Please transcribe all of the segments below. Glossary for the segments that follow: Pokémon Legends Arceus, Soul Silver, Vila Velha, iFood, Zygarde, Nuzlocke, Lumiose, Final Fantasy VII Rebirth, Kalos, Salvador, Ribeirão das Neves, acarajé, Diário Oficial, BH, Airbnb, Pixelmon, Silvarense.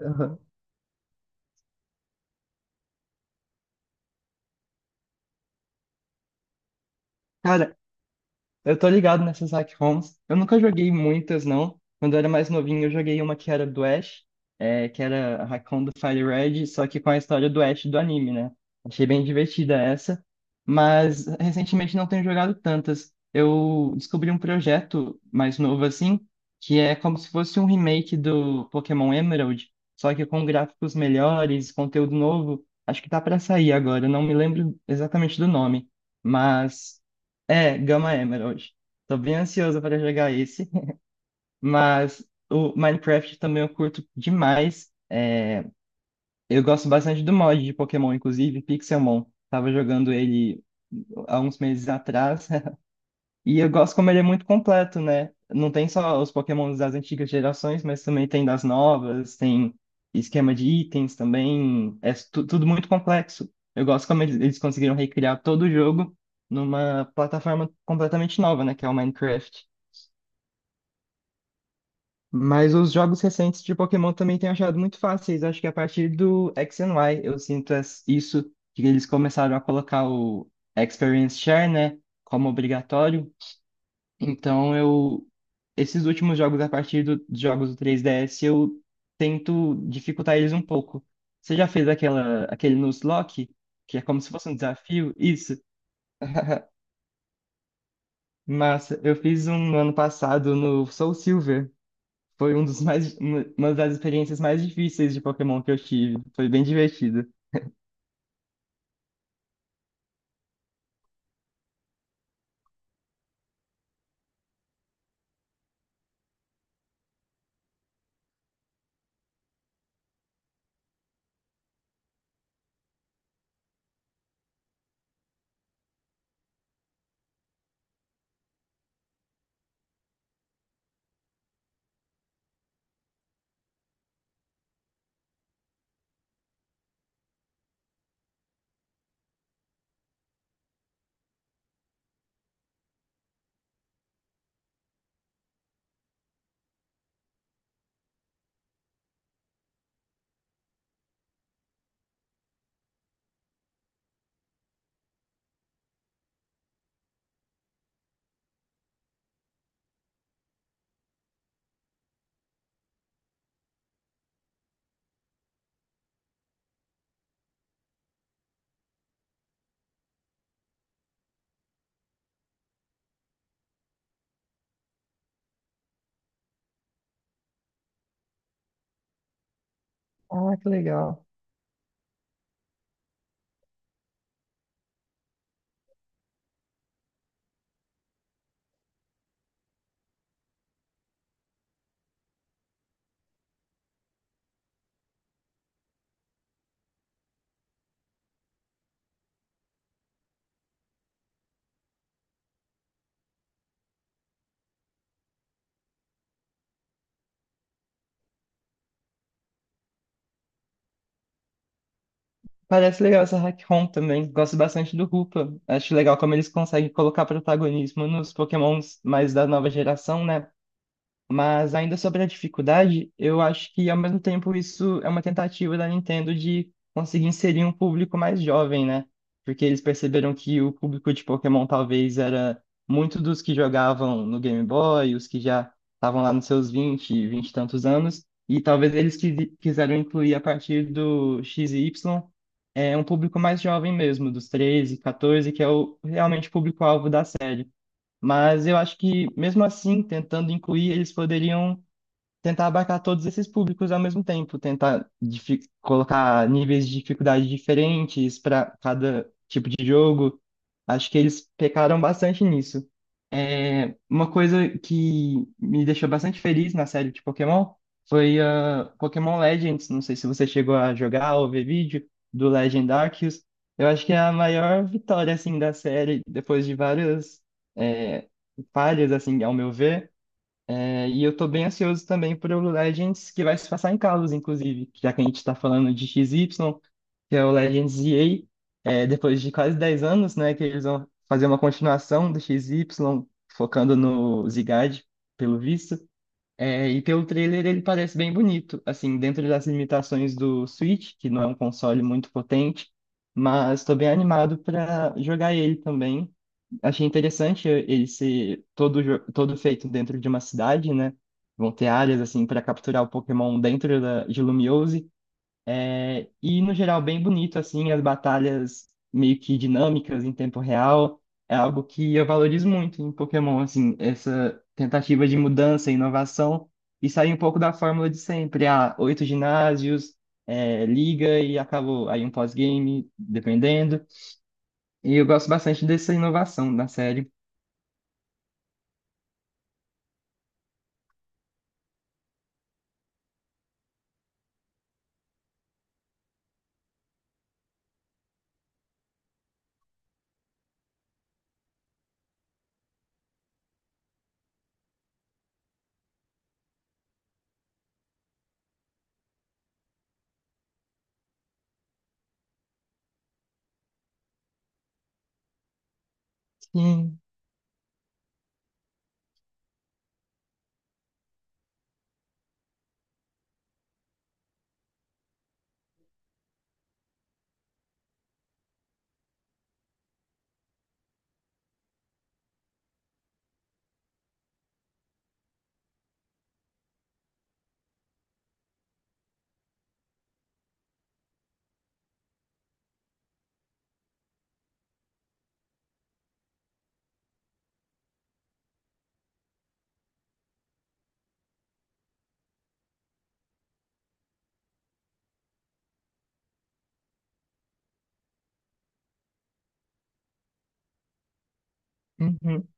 Aham. Cara, eu tô ligado nessas hack ROMs. Eu nunca joguei muitas, não. Quando eu era mais novinho, eu joguei uma que era do Ash, que era a hack ROM do Fire Red, só que com a história do Ash do anime, né? Achei bem divertida essa. Mas recentemente não tenho jogado tantas. Eu descobri um projeto mais novo assim, que é como se fosse um remake do Pokémon Emerald, só que com gráficos melhores, conteúdo novo. Acho que tá pra sair agora, eu não me lembro exatamente do nome. Mas É, Gama Emerald. Tô bem ansioso para jogar esse, mas o Minecraft também eu curto demais. Eu gosto bastante do mod de Pokémon, inclusive Pixelmon. Tava jogando ele há uns meses atrás. E eu gosto como ele é muito completo, né? Não tem só os Pokémons das antigas gerações, mas também tem das novas, tem esquema de itens também. É tudo muito complexo. Eu gosto como eles conseguiram recriar todo o jogo numa plataforma completamente nova, né? Que é o Minecraft. Mas os jogos recentes de Pokémon também tenho achado muito fáceis. Acho que a partir do X and Y eu sinto isso, que eles começaram a colocar o Experience Share, né? Como obrigatório. Então eu esses últimos jogos a partir dos jogos do 3DS eu tento dificultar eles um pouco. Você já fez aquela aquele Nuzlocke, Lock, que é como se fosse um desafio? Isso. Massa, eu fiz um no ano passado no Soul Silver. Foi um dos mais uma das experiências mais difíceis de Pokémon que eu tive. Foi bem divertido. Ah, que legal. Parece legal essa hack ROM também. Gosto bastante do Rupa. Acho legal como eles conseguem colocar protagonismo nos Pokémons mais da nova geração, né? Mas ainda sobre a dificuldade, eu acho que ao mesmo tempo isso é uma tentativa da Nintendo de conseguir inserir um público mais jovem, né? Porque eles perceberam que o público de Pokémon talvez era muito dos que jogavam no Game Boy, os que já estavam lá nos seus 20, 20 e tantos anos, e talvez eles quiseram incluir a partir do X e Y um público mais jovem mesmo, dos 13, 14, que é o realmente o público-alvo da série. Mas eu acho que, mesmo assim, tentando incluir, eles poderiam tentar abarcar todos esses públicos ao mesmo tempo, tentar colocar níveis de dificuldade diferentes para cada tipo de jogo. Acho que eles pecaram bastante nisso. Uma coisa que me deixou bastante feliz na série de Pokémon foi a Pokémon Legends. Não sei se você chegou a jogar ou ver vídeo do Legend Arceus. Eu acho que é a maior vitória assim da série depois de várias é, falhas assim, ao meu ver. É, e eu tô bem ansioso também pro Legends, que vai se passar em Kalos, inclusive, já que a gente tá falando de XY, que é o Legends EA, depois de quase 10 anos, né, que eles vão fazer uma continuação do XY, focando no Zygarde, pelo visto. É, e pelo trailer ele parece bem bonito, assim, dentro das limitações do Switch, que não é um console muito potente, mas estou bem animado para jogar ele também. Achei interessante ele ser todo, todo feito dentro de uma cidade, né? Vão ter áreas assim para capturar o Pokémon dentro de Lumiose. E, no geral, bem bonito, assim, as batalhas meio que dinâmicas em tempo real. É algo que eu valorizo muito em Pokémon, assim, essa tentativa de mudança e inovação e sair um pouco da fórmula de sempre. Ah, oito ginásios, liga e acabou. Aí um pós-game, dependendo. E eu gosto bastante dessa inovação na série. Sim. Uhum.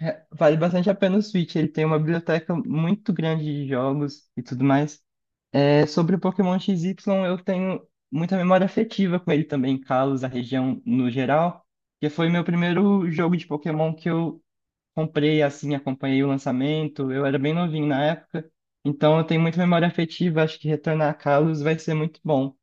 É, vale bastante a pena o Switch. Ele tem uma biblioteca muito grande de jogos e tudo mais. É, sobre o Pokémon XY, eu tenho muita memória afetiva com ele também, Kalos, a região no geral, que foi meu primeiro jogo de Pokémon que eu comprei, assim, acompanhei o lançamento, eu era bem novinho na época, então eu tenho muita memória afetiva, acho que retornar a Kalos vai ser muito bom.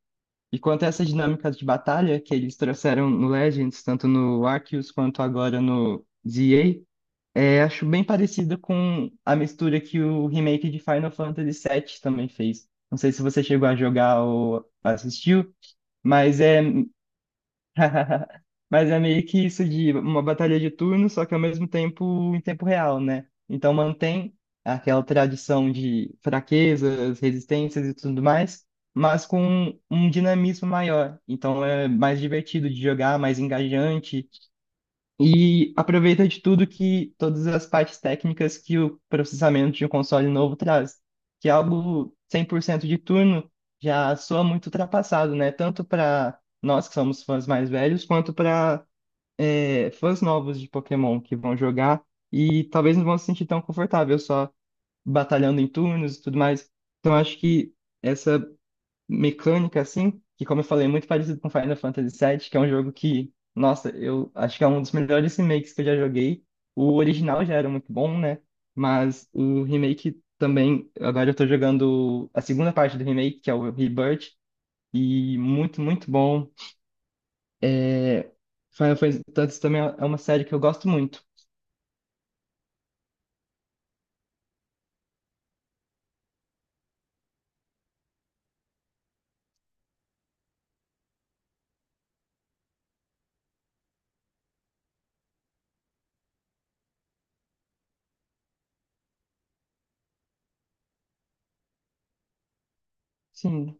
E quanto a essas dinâmicas de batalha que eles trouxeram no Legends, tanto no Arceus quanto agora no ZA, acho bem parecido com a mistura que o remake de Final Fantasy VII também fez. Não sei se você chegou a jogar ou assistiu, mas mas é meio que isso de uma batalha de turno, só que ao mesmo tempo em tempo real, né? Então mantém aquela tradição de fraquezas, resistências e tudo mais, mas com um dinamismo maior. Então é mais divertido de jogar, mais engajante e aproveita de tudo que todas as partes técnicas que o processamento de um console novo traz, que é algo 100% de turno já soa muito ultrapassado, né? Tanto para nós que somos fãs mais velhos, quanto para fãs novos de Pokémon que vão jogar e talvez não vão se sentir tão confortável só batalhando em turnos e tudo mais. Então acho que essa mecânica, assim, que como eu falei, é muito parecido com Final Fantasy VII, que é um jogo que, nossa, eu acho que é um dos melhores remakes que eu já joguei. O original já era muito bom, né? Mas o remake também, agora eu tô jogando a segunda parte do remake, que é o Rebirth, e muito, muito bom. É... Final Fantasy também é uma série que eu gosto muito. Sim,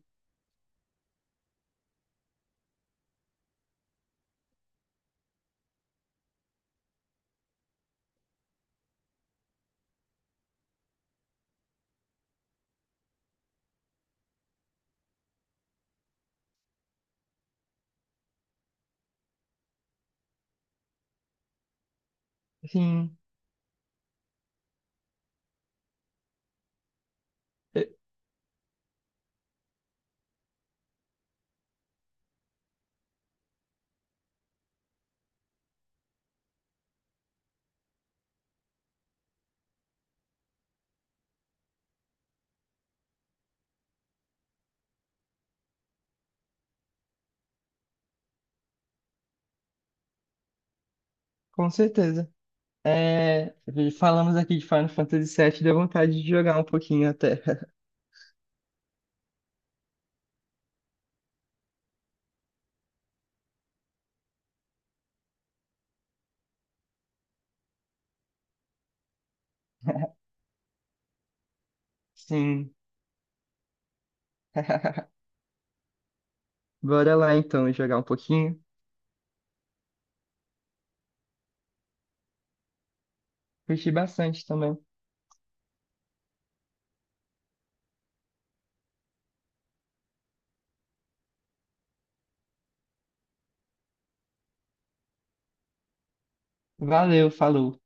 sim, é, com certeza. É, falamos aqui de Final Fantasy VII, deu vontade de jogar um pouquinho até. Sim. Bora lá então jogar um pouquinho. Curti bastante também. Valeu, falou.